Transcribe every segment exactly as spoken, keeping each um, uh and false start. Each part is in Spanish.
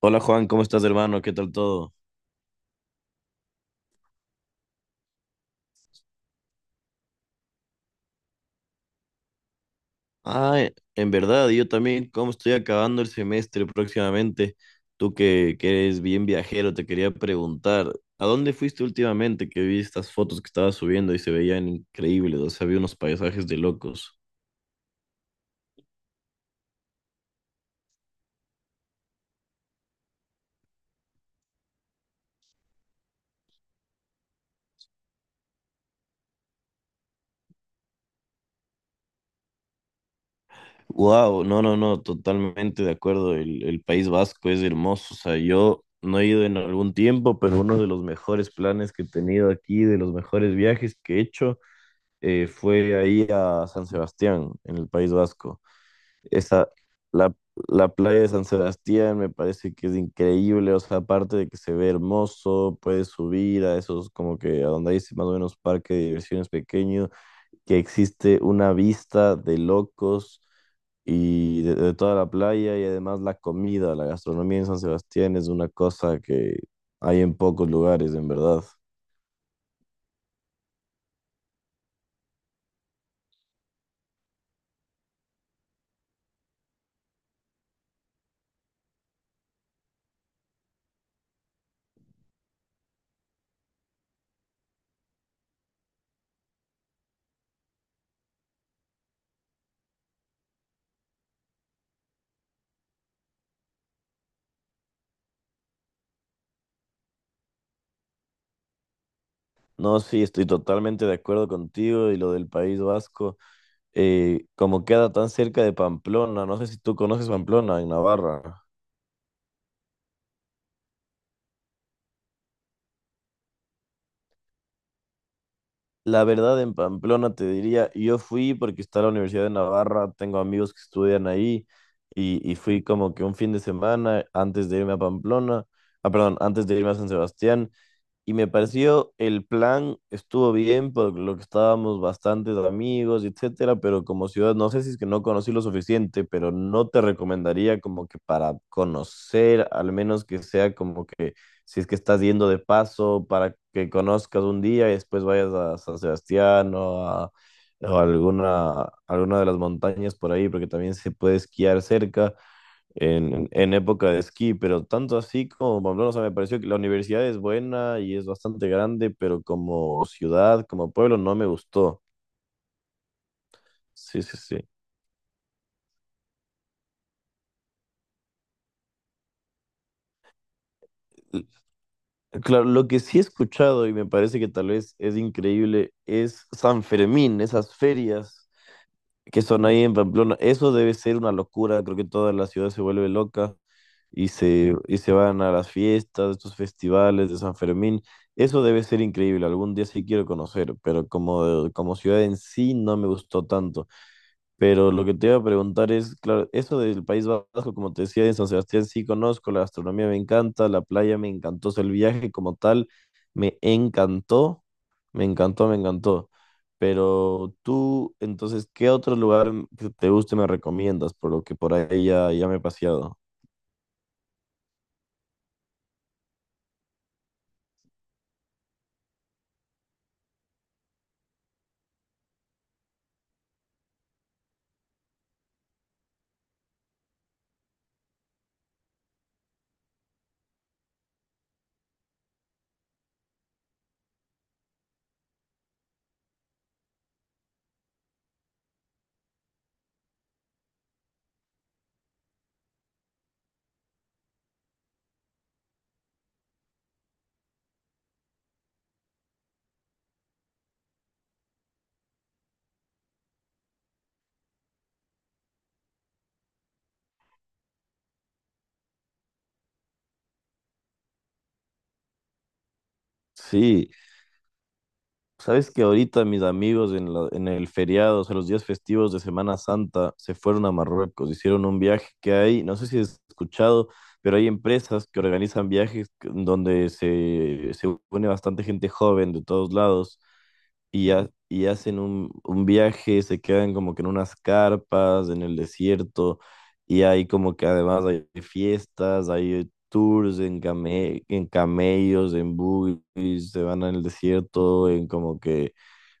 Hola Juan, ¿cómo estás hermano? ¿Qué tal todo? Ah, e- en verdad, yo también, ¿cómo estoy acabando el semestre próximamente? Tú que, que eres bien viajero, te quería preguntar, ¿a dónde fuiste últimamente que vi estas fotos que estabas subiendo y se veían increíbles? O sea, había unos paisajes de locos. Wow, no, no, no, totalmente de acuerdo. El, el País Vasco es hermoso. O sea, yo no he ido en algún tiempo, pero uno de los mejores planes que he tenido aquí, de los mejores viajes que he hecho. Eh, fue ahí a San Sebastián, en el País Vasco. Esa, la, la playa de San Sebastián me parece que es increíble, o sea, aparte de que se ve hermoso, puedes subir a esos, como que a donde hay ese más o menos parque de diversiones pequeño, que existe una vista de locos y de, de toda la playa y además la comida, la gastronomía en San Sebastián es una cosa que hay en pocos lugares, en verdad. No, sí, estoy totalmente de acuerdo contigo y lo del País Vasco. Eh, como queda tan cerca de Pamplona, no sé si tú conoces Pamplona en Navarra. La verdad, en Pamplona te diría, yo fui porque está la Universidad de Navarra, tengo amigos que estudian ahí y, y fui como que un fin de semana antes de irme a Pamplona, ah, perdón, antes de irme a San Sebastián y me pareció el plan estuvo bien por lo que estábamos bastantes amigos, etcétera, pero como ciudad, no sé si es que no conocí lo suficiente, pero no te recomendaría como que para conocer, al menos que sea como que si es que estás yendo de paso para que conozcas un día y después vayas a San Sebastián o a, o a alguna, alguna de las montañas por ahí, porque también se puede esquiar cerca en, en época de esquí, pero tanto así como Pamplona, o sea, me pareció que la universidad es buena y es bastante grande, pero como ciudad, como pueblo, no me gustó. Sí, sí, sí. L- Claro, lo que sí he escuchado y me parece que tal vez es increíble es San Fermín, esas ferias que son ahí en Pamplona. Eso debe ser una locura. Creo que toda la ciudad se vuelve loca y se, y se van a las fiestas, estos festivales de San Fermín. Eso debe ser increíble. Algún día sí quiero conocer, pero como, como ciudad en sí no me gustó tanto. Pero lo que te iba a preguntar es, claro, eso del País Vasco, como te decía, en San Sebastián sí conozco, la gastronomía me encanta, la playa me encantó, o sea, el viaje como tal me encantó, me encantó, me encantó. Pero tú, entonces, ¿qué otro lugar que te guste me recomiendas? Por lo que por ahí ya, ya me he paseado. Sí, sabes que ahorita mis amigos en la- en el feriado, o sea, los días festivos de Semana Santa, se fueron a Marruecos, hicieron un viaje que hay, no sé si has escuchado, pero hay empresas que organizan viajes que- donde se, se une bastante gente joven de todos lados y, ha- y hacen un, un viaje, se quedan como que en unas carpas, en el desierto, y hay como que además hay fiestas, hay tours en came- en camellos, en buggies, se van al desierto, en como que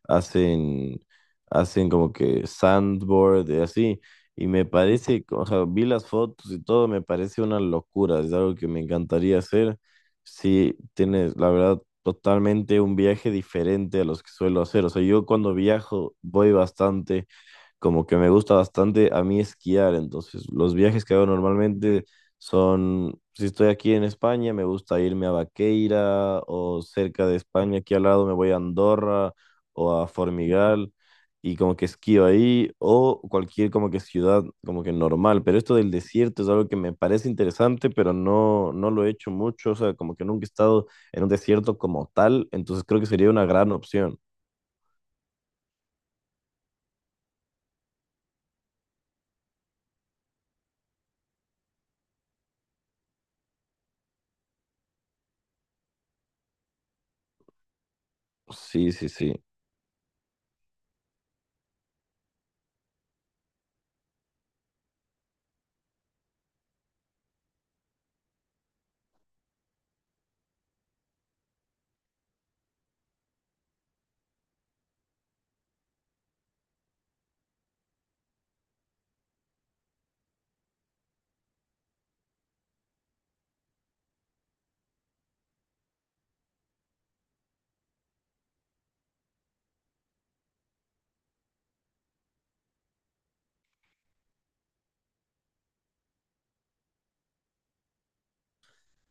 hacen, hacen como que sandboard y así. Y me parece, o sea, vi las fotos y todo, me parece una locura, es algo que me encantaría hacer. Sí, tienes, la verdad, totalmente un viaje diferente a los que suelo hacer. O sea, yo cuando viajo voy bastante como que me gusta bastante a mí esquiar, entonces los viajes que hago normalmente son, si estoy aquí en España, me gusta irme a Vaqueira o cerca de España, aquí al lado me voy a Andorra o a Formigal y como que esquío ahí o cualquier como que ciudad como que normal, pero esto del desierto es algo que me parece interesante, pero no, no lo he hecho mucho, o sea, como que nunca he estado en un desierto como tal, entonces creo que sería una gran opción. Sí, sí, sí.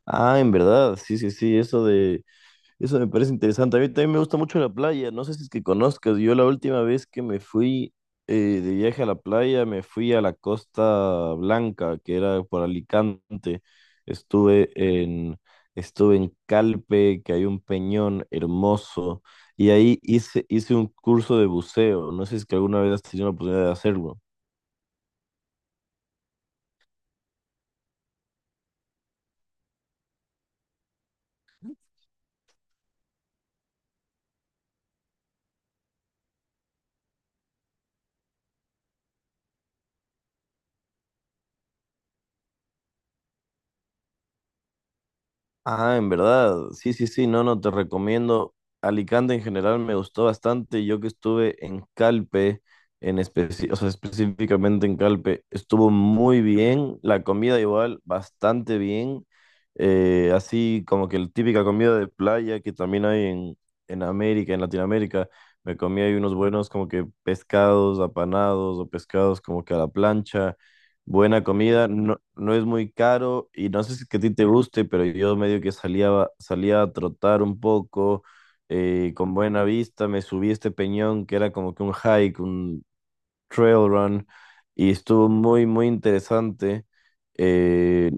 Ah, en verdad, sí, sí, sí, eso de, eso me parece interesante. A mí también me gusta mucho la playa, no sé si es que conozcas, yo la última vez que me fui eh, de viaje a la playa, me fui a la Costa Blanca, que era por Alicante. Estuve en, estuve en Calpe, que hay un peñón hermoso, y ahí hice, hice un curso de buceo, no sé si es que alguna vez has tenido la oportunidad de hacerlo. Ah, en verdad, sí, sí, sí, no, no, te recomiendo. Alicante en general me gustó bastante. Yo que estuve en Calpe, en especi- o sea, específicamente en Calpe, estuvo muy bien. La comida igual, bastante bien. Eh, así como que la típica comida de playa que también hay en, en América, en Latinoamérica. Me comí ahí unos buenos como que pescados apanados o pescados como que a la plancha. Buena comida, no, no es muy caro y no sé si es que a ti te guste, pero yo medio que salía, salía a trotar un poco eh, con buena vista, me subí a este peñón que era como que un hike, un trail run y estuvo muy, muy interesante. Eh,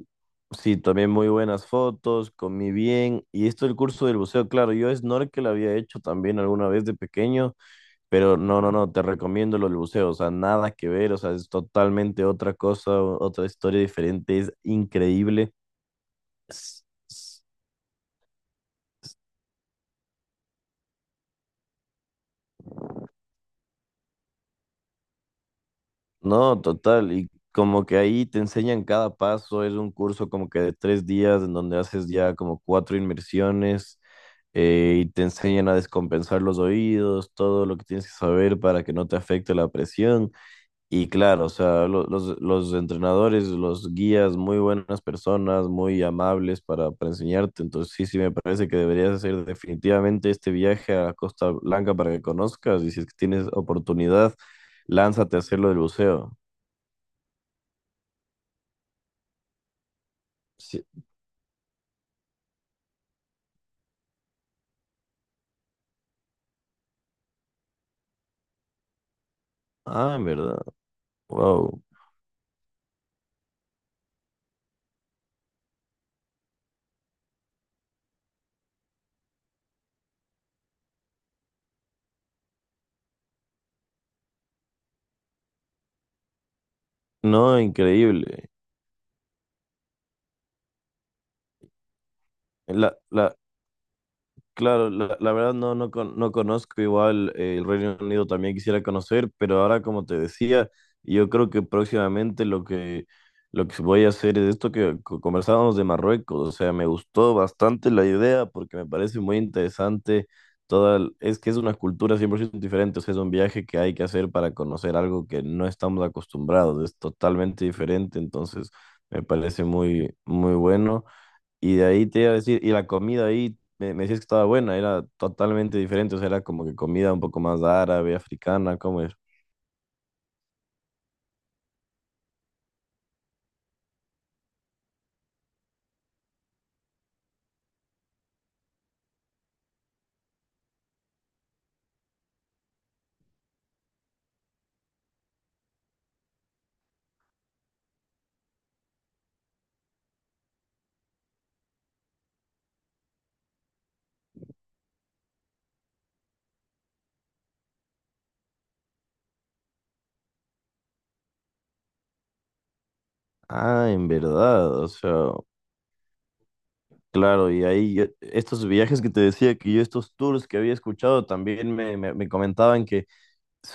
sí, también muy buenas fotos, comí bien y esto el curso del buceo, claro, yo snorkel había hecho también alguna vez de pequeño, pero no, no, no, te recomiendo los buceos, o sea, nada que ver, o sea, es totalmente otra cosa, o- otra historia diferente, es increíble. S- s- No, total, y como que ahí te enseñan cada paso, es un curso como que de tres días en donde haces ya como cuatro inmersiones, eh, y te enseñan a descompensar los oídos, todo lo que tienes que saber para que no te afecte la presión. Y claro, o sea, lo- los, los entrenadores, los guías, muy buenas personas, muy amables para, para enseñarte. Entonces, sí, sí, me parece que deberías hacer definitivamente este viaje a Costa Blanca para que conozcas. Y si es que tienes oportunidad, lánzate a hacer lo del buceo. Sí. Ah, en verdad. Wow. No, increíble. La, la, Claro, la, la verdad no, no, con- no conozco igual. Eh, el Reino Unido también quisiera conocer, pero ahora como te decía, yo creo que próximamente lo que, lo que voy a hacer es esto que co- conversábamos de Marruecos, o sea, me gustó bastante la idea porque me parece muy interesante toda, el- es que es una cultura cien por ciento diferente, o sea, es un viaje que hay que hacer para conocer algo que no estamos acostumbrados, es totalmente diferente, entonces me parece muy, muy bueno. Y de ahí te iba a decir, y la comida ahí, me, me decías que estaba buena, era totalmente diferente, o sea, era como que comida un poco más árabe, africana, ¿cómo es? Ah, en verdad, o sea, claro, y ahí yo- estos viajes que te decía que yo, estos tours que había escuchado, también me, me, me comentaban que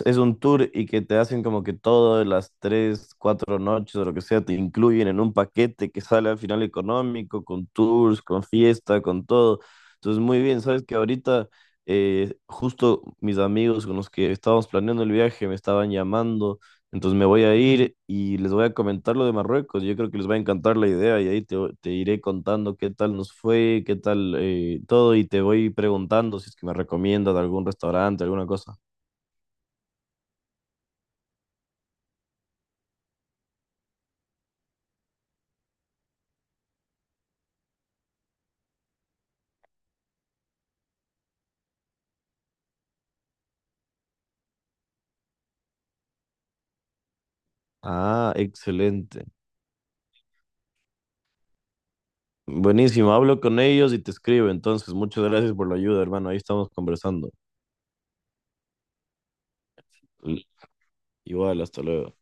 es un tour y que te hacen como que todas las tres, cuatro noches o lo que sea, te incluyen en un paquete que sale al final económico, con tours, con fiesta, con todo. Entonces, muy bien, sabes que ahorita eh, justo mis amigos con los que estábamos planeando el viaje me estaban llamando, entonces me voy a ir y les voy a comentar lo de Marruecos. Yo creo que les va a encantar la idea y ahí te, te iré contando qué tal nos fue, qué tal eh, todo y te voy preguntando si es que me recomiendas algún restaurante, alguna cosa. Ah, excelente. Buenísimo, hablo con ellos y te escribo. Entonces, muchas gracias por la ayuda, hermano. Ahí estamos conversando. L- Igual, hasta luego.